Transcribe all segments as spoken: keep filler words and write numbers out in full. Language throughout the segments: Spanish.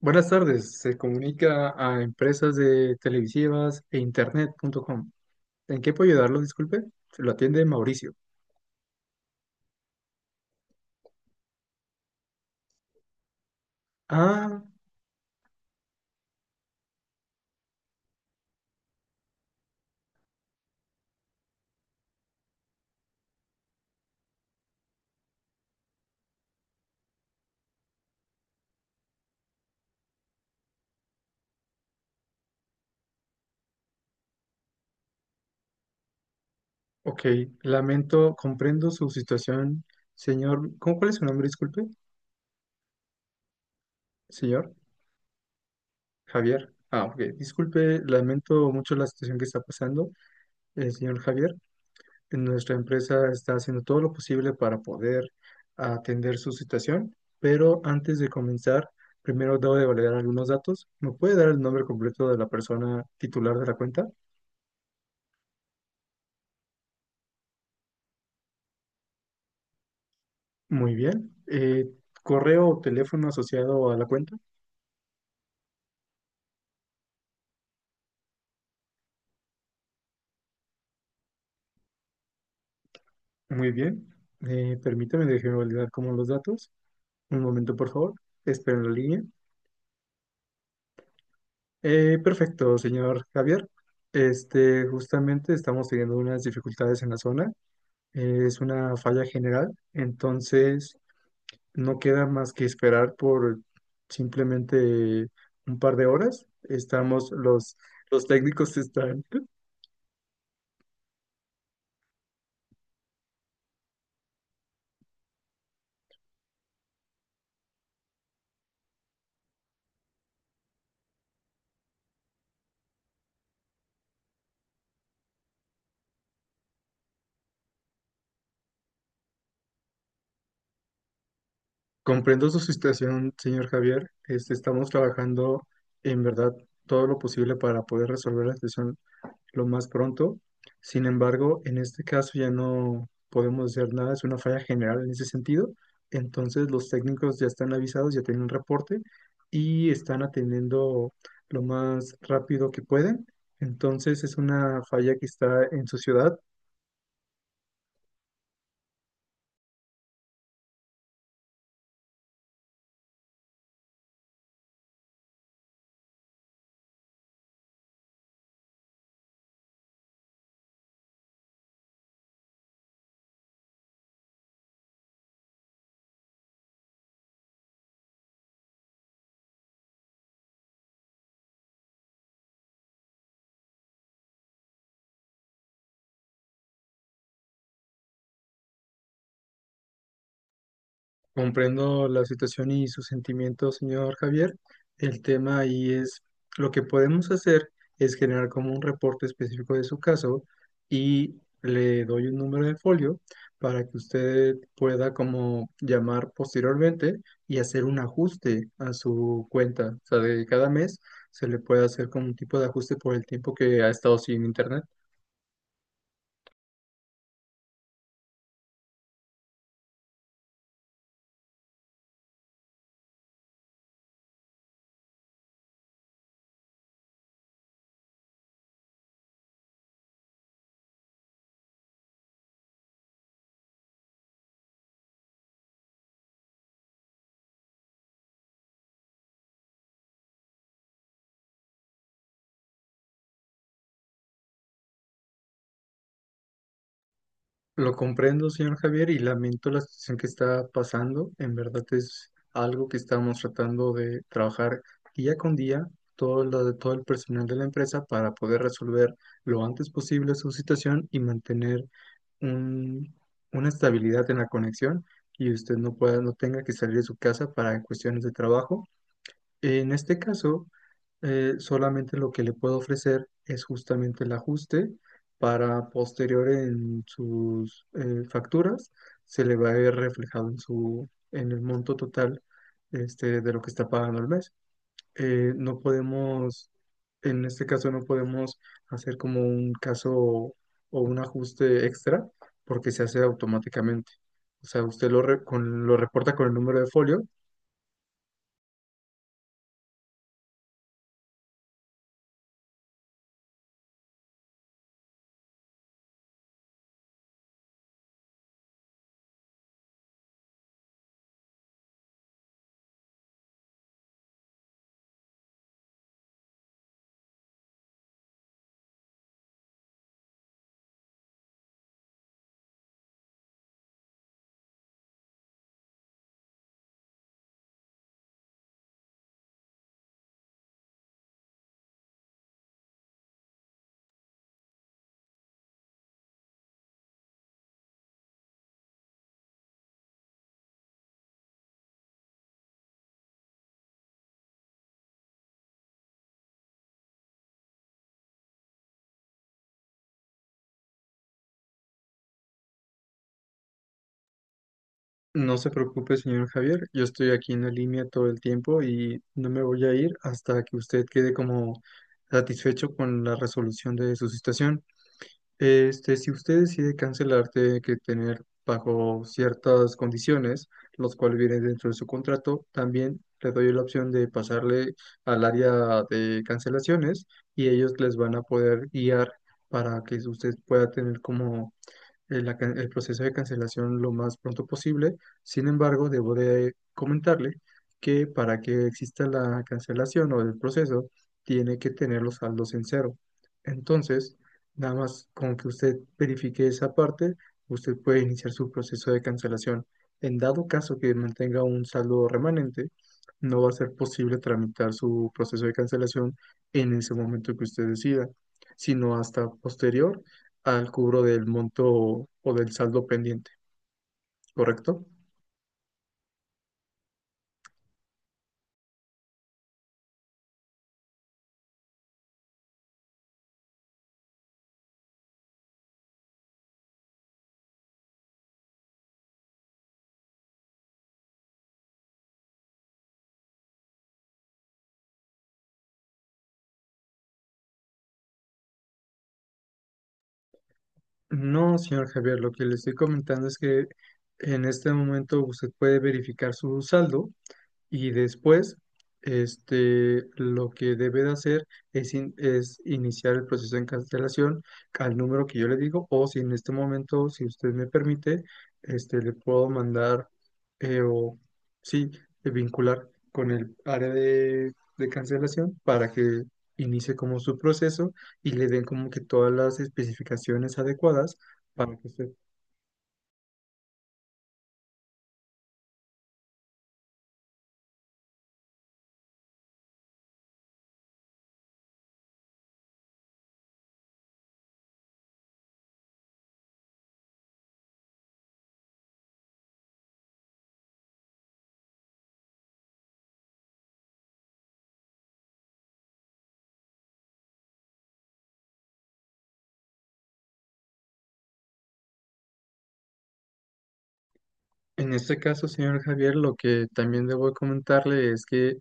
Buenas tardes, se comunica a empresas de televisivas e internet punto com. ¿En qué puedo ayudarlo? Disculpe, se lo atiende Mauricio. Ah, ok, lamento, comprendo su situación, señor. ¿Cómo, cuál es su nombre? Disculpe, señor Javier. Ah, ok, disculpe, lamento mucho la situación que está pasando, eh, señor Javier. Nuestra empresa está haciendo todo lo posible para poder atender su situación, pero antes de comenzar, primero debo de validar algunos datos. ¿Me puede dar el nombre completo de la persona titular de la cuenta? Muy bien. Eh, correo o teléfono asociado a la cuenta. Muy bien. Eh, permítame, déjeme validar como los datos. Un momento, por favor. Espero en la línea. Eh, perfecto, señor Javier. Este, justamente estamos teniendo unas dificultades en la zona. Eh, es una falla general, entonces no queda más que esperar por simplemente un par de horas. Estamos, los, los técnicos están, comprendo su situación, señor Javier, este, estamos trabajando en verdad todo lo posible para poder resolver la situación lo más pronto. Sin embargo, en este caso ya no podemos hacer nada, es una falla general en ese sentido. Entonces los técnicos ya están avisados, ya tienen un reporte y están atendiendo lo más rápido que pueden. Entonces es una falla que está en su ciudad. Comprendo la situación y sus sentimientos, señor Javier. El tema ahí es lo que podemos hacer es generar como un reporte específico de su caso y le doy un número de folio para que usted pueda como llamar posteriormente y hacer un ajuste a su cuenta. O sea, de cada mes se le puede hacer como un tipo de ajuste por el tiempo que ha estado sin internet. Lo comprendo, señor Javier, y lamento la situación que está pasando. En verdad es algo que estamos tratando de trabajar día con día, todo lo de todo el personal de la empresa para poder resolver lo antes posible su situación y mantener un- una estabilidad en la conexión y usted no pueda, no tenga que salir de su casa para cuestiones de trabajo. En este caso, eh, solamente lo que le puedo ofrecer es justamente el ajuste para posterior en sus eh, facturas se le va a ver reflejado en su en el monto total este, de lo que está pagando al mes. Eh, no podemos, en este caso no podemos hacer como un caso o un ajuste extra porque se hace automáticamente. O sea, usted lo, re- con- lo reporta con el número de folio. No se preocupe, señor Javier, yo estoy aquí en la línea todo el tiempo y no me voy a ir hasta que usted quede como satisfecho con la resolución de su situación. Este, si usted decide cancelar, tiene que tener bajo ciertas condiciones, los cuales vienen dentro de su contrato, también le doy la opción de pasarle al área de cancelaciones y ellos les van a poder guiar para que usted pueda tener como eh, la can- el proceso de cancelación lo más pronto posible. Sin embargo, debo de comentarle que para que exista la cancelación o el proceso, tiene que tener los saldos en cero. Entonces, nada más con que usted verifique esa parte, usted puede iniciar su proceso de cancelación. En dado caso que mantenga un saldo remanente, no va a ser posible tramitar su proceso de cancelación en ese momento que usted decida, sino hasta posterior al cubro del monto o del saldo pendiente, ¿correcto? No, señor Javier, lo que le estoy comentando es que en este momento usted puede verificar su saldo. Y después, este, lo que debe de hacer es, in- es iniciar el proceso de cancelación al número que yo le digo, o si en este momento, si usted me permite, este, le puedo mandar eh, o sí, eh, vincular con el área de, de cancelación para que inicie como su proceso y le den como que todas las especificaciones adecuadas para que usted. En este caso, señor Javier, lo que también debo comentarle es que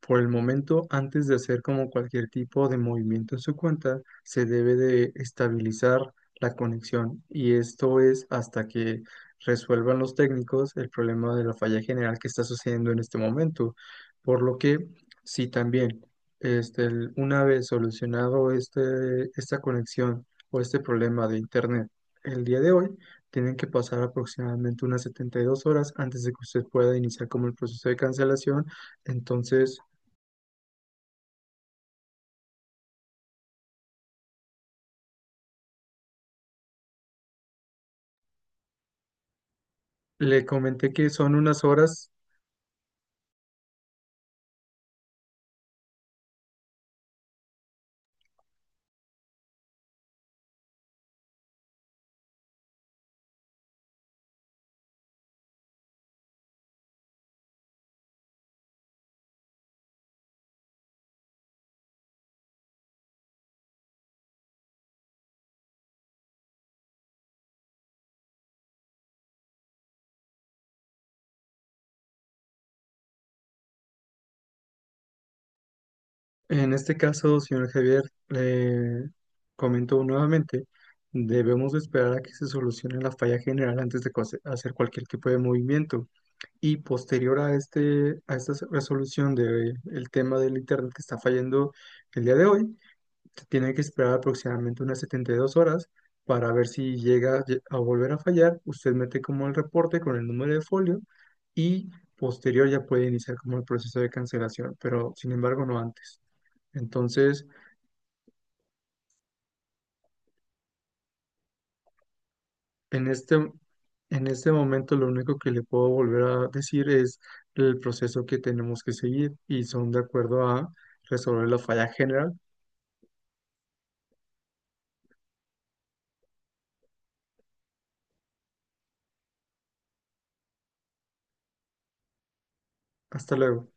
por el momento, antes de hacer como cualquier tipo de movimiento en su cuenta, se debe de estabilizar la conexión y esto es hasta que resuelvan los técnicos el problema de la falla general que está sucediendo en este momento. Por lo que, si también este, el- una vez solucionado este, esta conexión o este problema de internet el día de hoy, tienen que pasar aproximadamente unas setenta y dos horas antes de que usted pueda iniciar como el proceso de cancelación. Entonces, le comenté que son unas horas. En este caso, señor Javier, le comento nuevamente, debemos de esperar a que se solucione la falla general antes de cose- hacer cualquier tipo de movimiento. Y posterior a este, a esta resolución del tema del internet que está fallando el día de hoy, se tiene que esperar aproximadamente unas setenta y dos horas para ver si llega lle- a volver a fallar. Usted mete como el reporte con el número de folio y posterior ya puede iniciar como el proceso de cancelación, pero sin embargo no antes. Entonces, en este, en este momento lo único que le puedo volver a decir es el proceso que tenemos que seguir y son de acuerdo a resolver la falla general. Hasta luego.